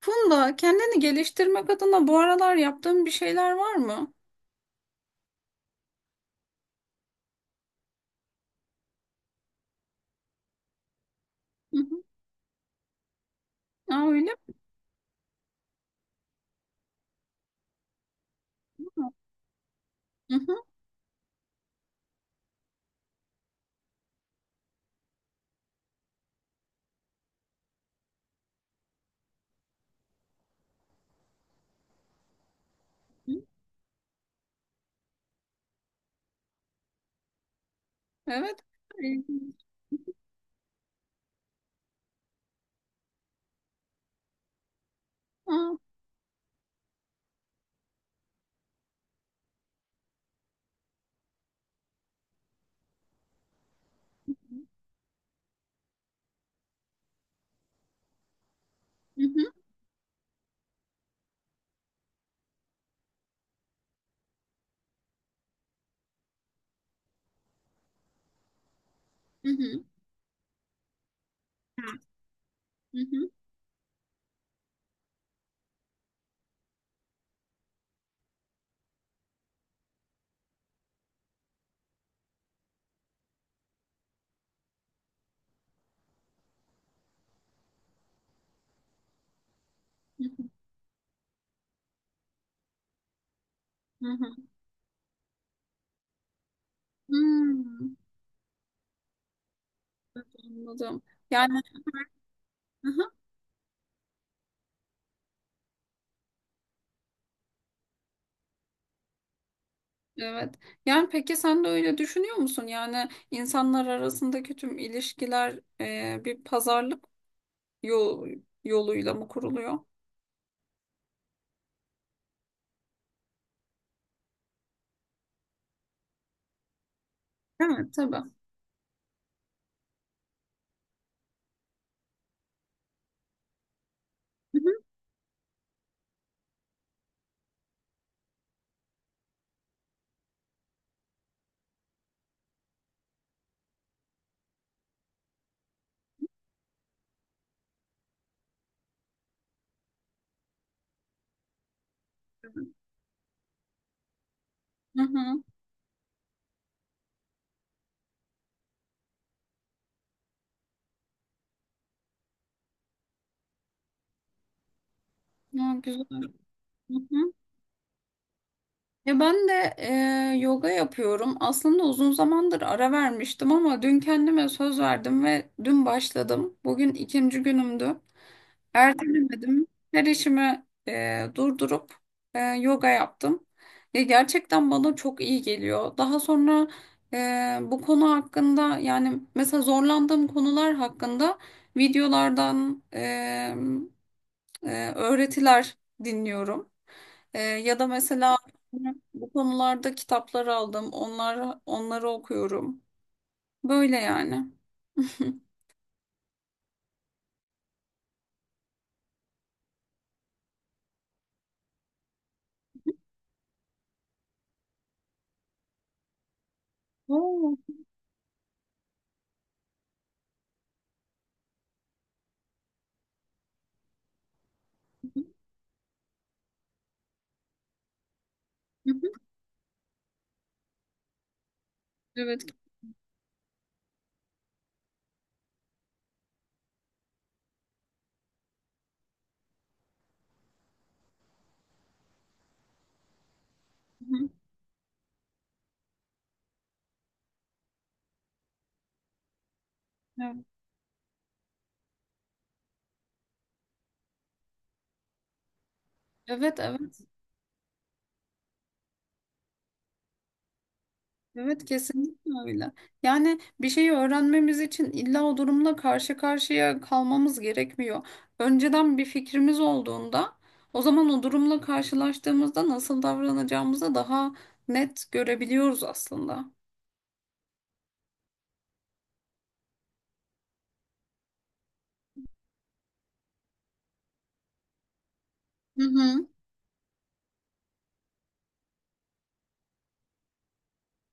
Funda, kendini geliştirmek adına bu aralar yaptığın bir şeyler var mı? Hı hı. Aa, öyle mi? Hı hı. Hı. Evet. Aa. Hı hı. Hı hı. Hı hı. Hı hı. Hı hı. Hmm. Anladım. Yani hı hı. Evet. Yani peki sen de öyle düşünüyor musun? Yani insanlar arasındaki tüm ilişkiler bir pazarlık yol, yoluyla mı kuruluyor? Evet, tabii. Hı hı. Hı hı. Aa, güzel. Hı hı. Ya ben de yoga yapıyorum. Aslında uzun zamandır ara vermiştim ama dün kendime söz verdim ve dün başladım. Bugün ikinci günümdü. Ertelemedim. Her işimi durdurup yoga yaptım. Ya gerçekten bana çok iyi geliyor. Daha sonra bu konu hakkında yani mesela zorlandığım konular hakkında videolardan öğretiler dinliyorum. Ya da mesela bu konularda kitaplar aldım. Onları okuyorum. Böyle yani. Oo. Hı hı. Evet. Hı hı. Evet, evet, evet, evet kesinlikle öyle. Yani bir şeyi öğrenmemiz için illa o durumla karşı karşıya kalmamız gerekmiyor. Önceden bir fikrimiz olduğunda o zaman o durumla karşılaştığımızda nasıl davranacağımızı daha net görebiliyoruz aslında. Hı hı.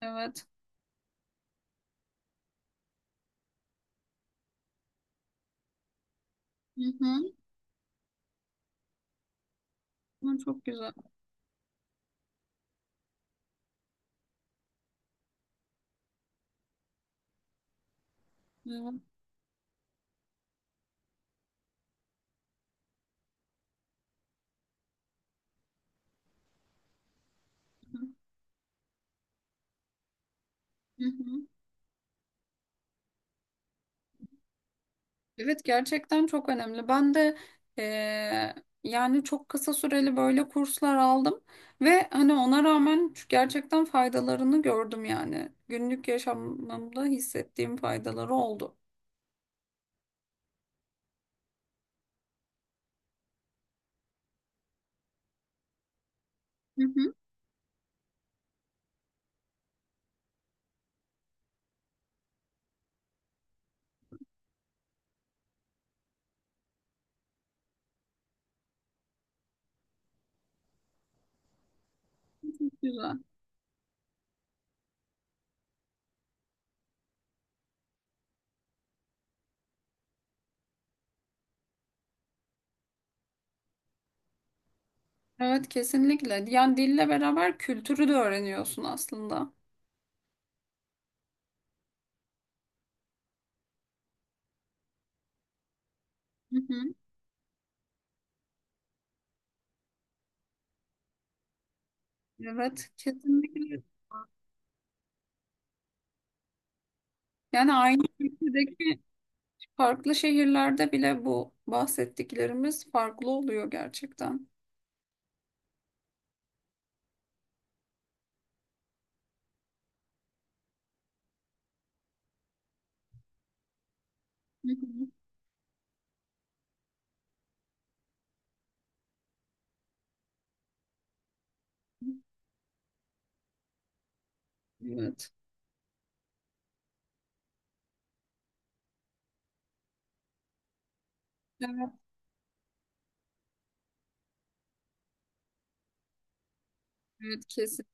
Evet. Hı hı. Hı. Çok güzel. Hı hı. Evet gerçekten çok önemli. Ben de eee, yani çok kısa süreli böyle kurslar aldım ve hani ona rağmen gerçekten faydalarını gördüm yani. Günlük yaşamımda hissettiğim faydaları oldu. Hı hı. Güzel. Evet kesinlikle. Yani dille beraber kültürü de öğreniyorsun aslında. Hı hı. Evet kesinlikle. Yani aynı ülkedeki farklı şehirlerde bile bu bahsettiklerimiz farklı oluyor gerçekten. Hı hı. Evet. Evet, evet kesin.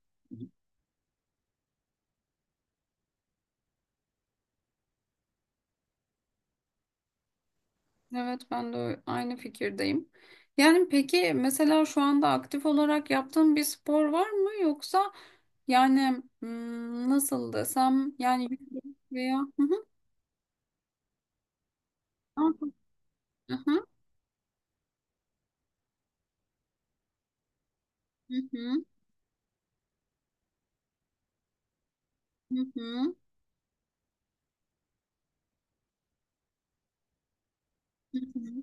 Evet ben de aynı fikirdeyim. Yani peki mesela şu anda aktif olarak yaptığın bir spor var mı yoksa yani nasıl desem yani yürüyüş veya... Hı hı, hı hı, hı hı, hı hı, hı hı,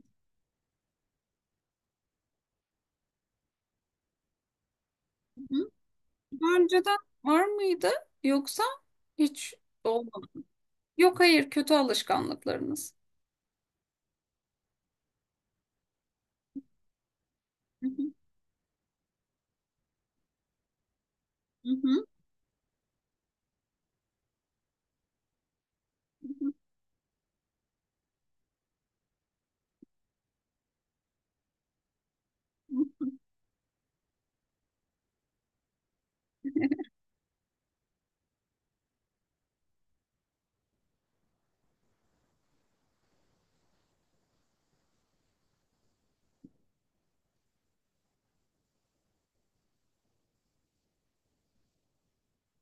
hı. Daha önceden var mıydı yoksa hiç olmadı? Yok hayır kötü alışkanlıklarınız. Hı hı, hı hı,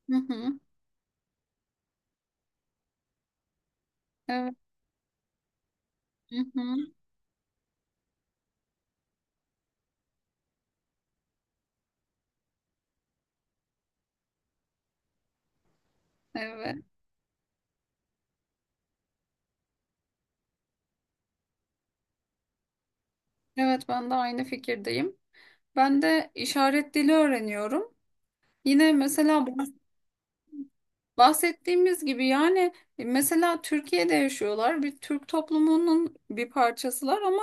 hı hı, hı hı. Evet. Hı hı. Evet. Evet ben de aynı fikirdeyim. Ben de işaret dili öğreniyorum. Yine mesela bahsettiğimiz gibi yani mesela Türkiye'de yaşıyorlar. Bir Türk toplumunun bir parçasılar ama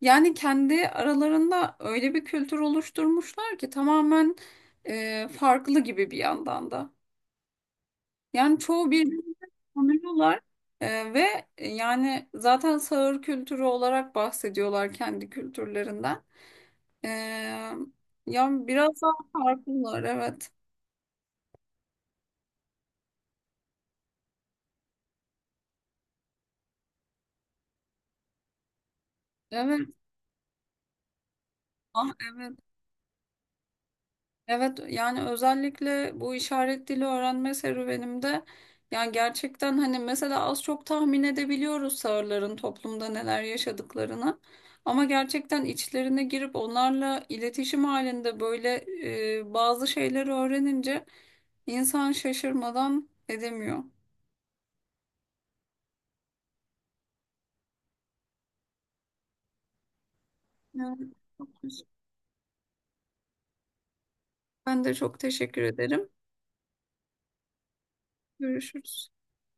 yani kendi aralarında öyle bir kültür oluşturmuşlar ki tamamen farklı gibi bir yandan da. Yani çoğu birbirini tanıyorlar ve yani zaten sağır kültürü olarak bahsediyorlar kendi kültürlerinden. Ee, ya biraz daha farklılar evet. Evet. Ah evet. Evet yani özellikle bu işaret dili öğrenme serüvenimde yani gerçekten hani mesela az çok tahmin edebiliyoruz sağırların toplumda neler yaşadıklarını. Ama gerçekten içlerine girip onlarla iletişim halinde böyle bazı şeyleri öğrenince insan şaşırmadan edemiyor. Evet. Ben de çok teşekkür ederim. Görüşürüz.